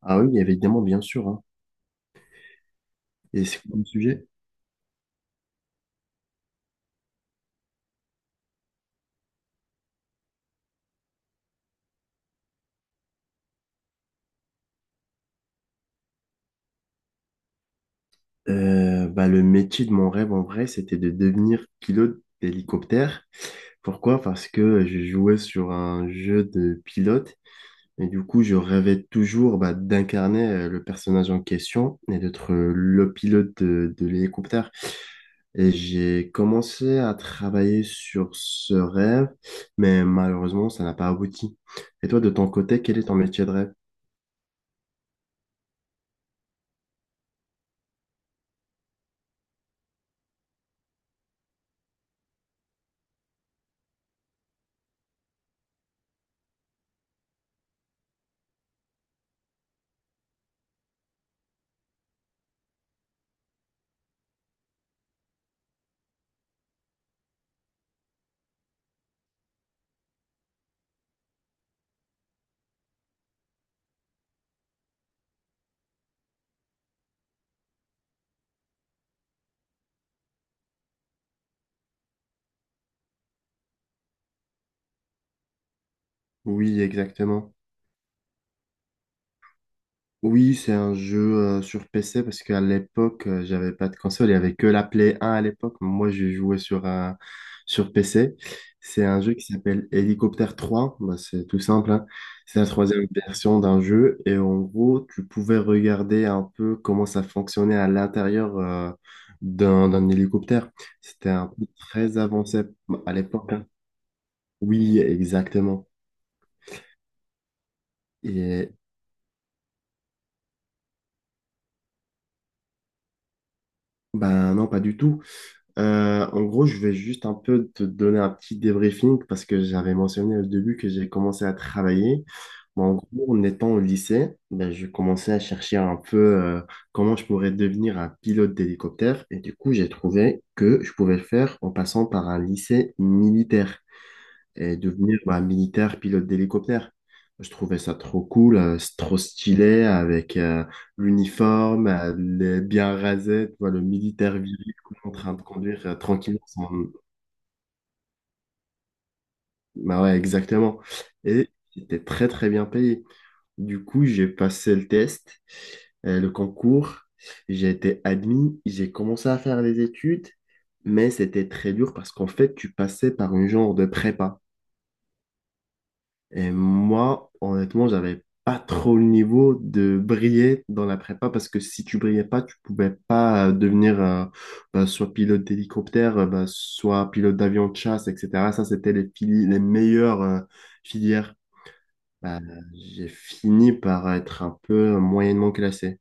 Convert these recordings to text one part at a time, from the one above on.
Ah oui, évidemment, bien sûr, hein. Et c'est quoi le sujet? Le métier de mon rêve en vrai, c'était de devenir pilote d'hélicoptère. Pourquoi? Parce que je jouais sur un jeu de pilote et du coup, je rêvais toujours, bah, d'incarner le personnage en question et d'être le pilote de l'hélicoptère. Et j'ai commencé à travailler sur ce rêve, mais malheureusement, ça n'a pas abouti. Et toi, de ton côté, quel est ton métier de rêve? Oui, exactement. Oui, c'est un jeu sur PC parce qu'à l'époque, j'avais pas de console. Il y avait que la Play 1 à l'époque. Moi, j'ai joué sur, un sur PC. C'est un jeu qui s'appelle Helicopter 3. Bah, c'est tout simple, hein. C'est la troisième version d'un jeu. Et en gros, tu pouvais regarder un peu comment ça fonctionnait à l'intérieur d'un hélicoptère. C'était un peu très avancé, bah, à l'époque, hein. Oui, exactement. Et ben non, pas du tout. En gros, je vais juste un peu te donner un petit débriefing parce que j'avais mentionné au début que j'ai commencé à travailler. Mais en gros, en étant au lycée, ben, je commençais à chercher un peu comment je pourrais devenir un pilote d'hélicoptère. Et du coup, j'ai trouvé que je pouvais le faire en passant par un lycée militaire et devenir, bah, militaire pilote d'hélicoptère. Je trouvais ça trop cool, c'est trop stylé avec l'uniforme, les bien rasé, tu vois, le militaire viril en train de conduire tranquillement, sans- Bah ouais, exactement. Et c'était très très bien payé. Du coup, j'ai passé le test, le concours, j'ai été admis, j'ai commencé à faire les études, mais c'était très dur parce qu'en fait, tu passais par un genre de prépa. Et moi, honnêtement, j'avais pas trop le niveau de briller dans la prépa parce que si tu brillais pas, tu pouvais pas devenir bah, soit pilote d'hélicoptère, bah, soit pilote d'avion de chasse, etc. Ça, c'était les, les meilleures filières. Bah, j'ai fini par être un peu moyennement classé.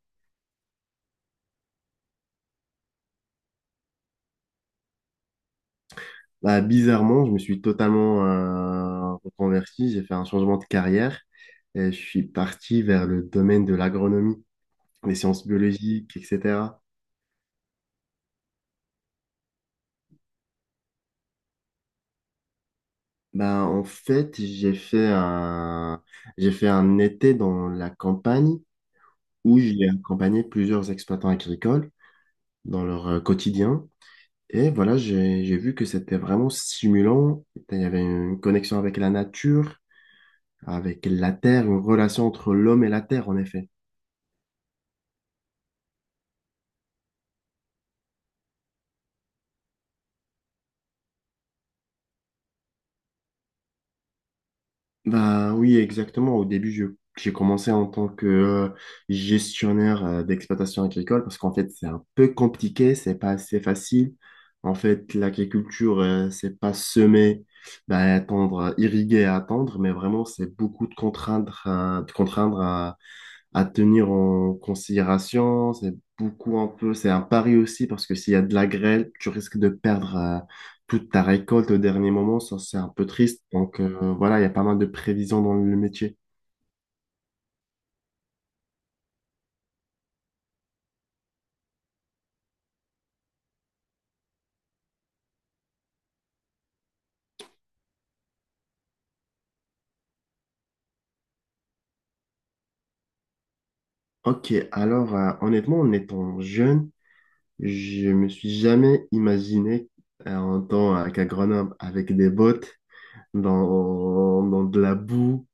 Bah, bizarrement, je me suis totalement reconverti. J'ai fait un changement de carrière et je suis parti vers le domaine de l'agronomie, les sciences biologiques, etc. Ben, en fait, j'ai fait un été dans la campagne où j'ai accompagné plusieurs exploitants agricoles dans leur quotidien. Et voilà, j'ai vu que c'était vraiment stimulant. Il y avait une connexion avec la nature, avec la terre, une relation entre l'homme et la terre, en effet. Bah oui, exactement. Au début, j'ai commencé en tant que gestionnaire d'exploitation agricole parce qu'en fait, c'est un peu compliqué, c'est pas assez facile. En fait, l'agriculture, c'est pas semer, bah, attendre, irriguer et attendre, mais vraiment, c'est beaucoup de contraindre, à tenir en considération. C'est beaucoup un peu, c'est un pari aussi parce que s'il y a de la grêle, tu risques de perdre toute ta récolte au dernier moment. Ça, c'est un peu triste. Donc voilà, il y a pas mal de prévisions dans le métier. Ok, alors honnêtement, en étant jeune, je me suis jamais imaginé en tant qu'agronome avec des bottes dans de la boue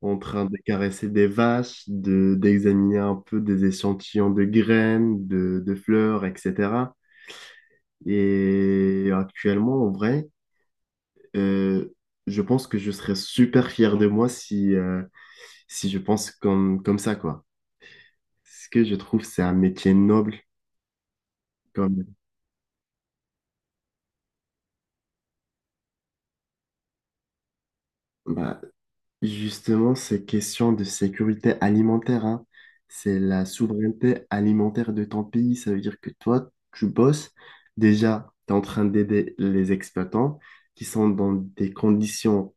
en train de caresser des vaches, de, d'examiner un peu des échantillons de graines, de fleurs, etc. Et actuellement, en vrai, euh, je pense que je serais super fier de moi si, si je pense comme, comme ça, quoi. Ce que je trouve, c'est un métier noble. Comme, bah, justement, ces questions de sécurité alimentaire, hein, c'est la souveraineté alimentaire de ton pays. Ça veut dire que toi, tu bosses. Déjà, tu es en train d'aider les exploitants qui sont dans des conditions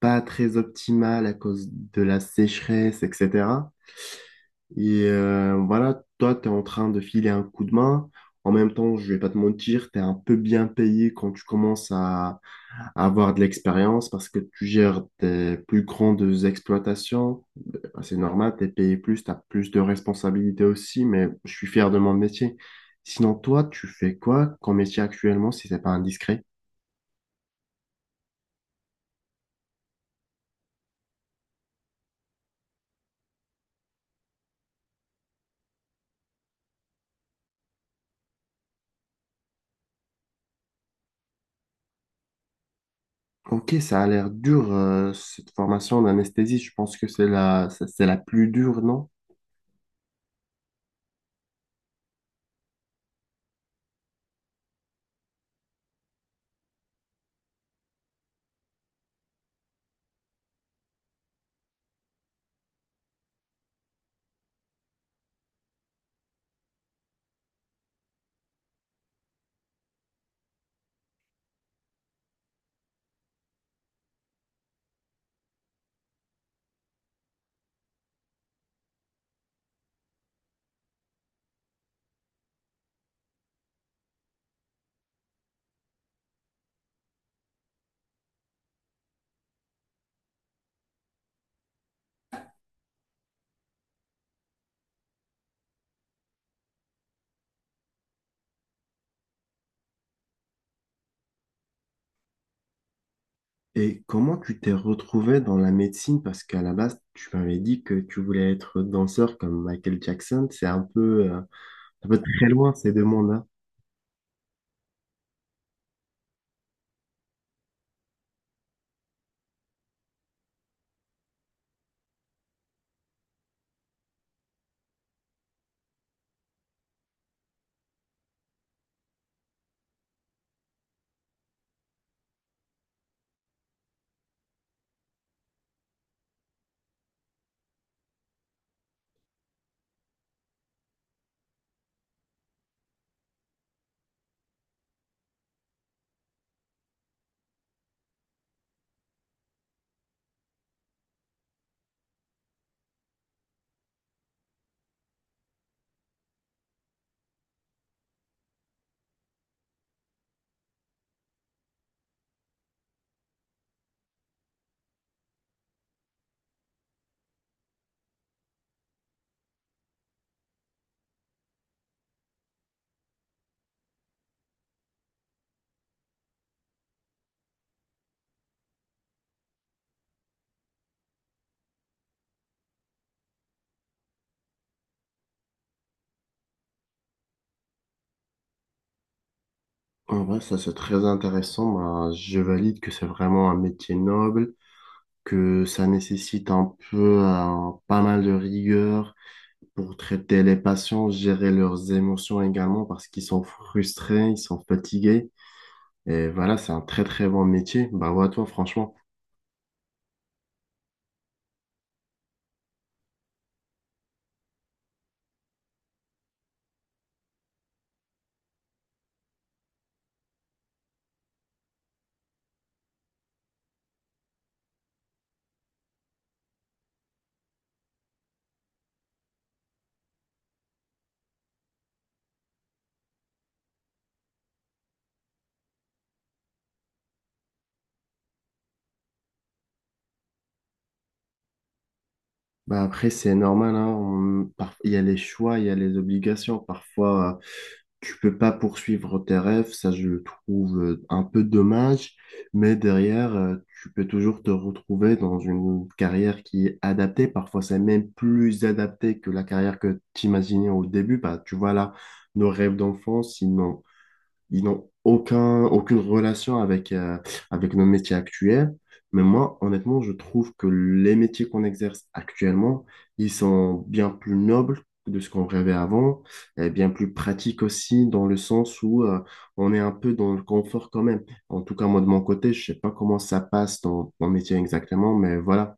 pas très optimales à cause de la sécheresse, etc. Et voilà, toi, tu es en train de filer un coup de main. En même temps, je vais pas te mentir, tu es un peu bien payé quand tu commences à avoir de l'expérience parce que tu gères des plus grandes exploitations. Ben, c'est normal, tu es payé plus, tu as plus de responsabilités aussi, mais je suis fier de mon métier. Sinon, toi, tu fais quoi comme métier actuellement si c'est pas indiscret? Ok, ça a l'air dur, cette formation d'anesthésie. Je pense que c'est la, c'est la plus dure, non? Et comment tu t'es retrouvé dans la médecine? Parce qu'à la base, tu m'avais dit que tu voulais être danseur comme Michael Jackson. C'est un peu très loin ces deux mondes. En vrai, ça c'est très intéressant. Bah, je valide que c'est vraiment un métier noble, que ça nécessite un peu pas mal de rigueur pour traiter les patients, gérer leurs émotions également parce qu'ils sont frustrés, ils sont fatigués. Et voilà, c'est un très très bon métier. Bah, à toi, franchement. Bah après, c'est normal, hein, il y a les choix, il y a les obligations. Parfois, tu peux pas poursuivre tes rêves, ça je le trouve un peu dommage, mais derrière, tu peux toujours te retrouver dans une carrière qui est adaptée. Parfois, c'est même plus adapté que la carrière que tu imaginais au début. Bah, tu vois là, nos rêves d'enfance, ils n'ont aucun, aucune relation avec, avec nos métiers actuels. Mais moi, honnêtement, je trouve que les métiers qu'on exerce actuellement, ils sont bien plus nobles que de ce qu'on rêvait avant, et bien plus pratiques aussi, dans le sens où on est un peu dans le confort quand même. En tout cas, moi, de mon côté, je sais pas comment ça passe dans mon métier exactement, mais voilà.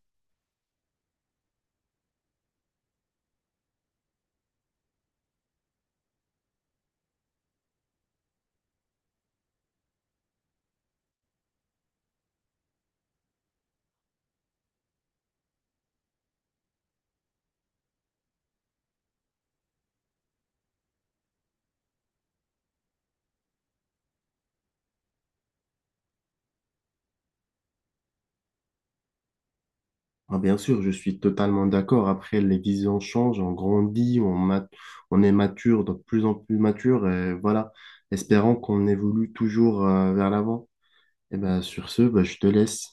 Ah, bien sûr, je suis totalement d'accord. Après, les visions changent, on grandit, on est mature, de plus en plus mature. Et voilà, espérant qu'on évolue toujours vers l'avant. Et ben, sur ce, ben, je te laisse.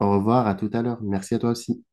Au revoir, à tout à l'heure. Merci à toi aussi.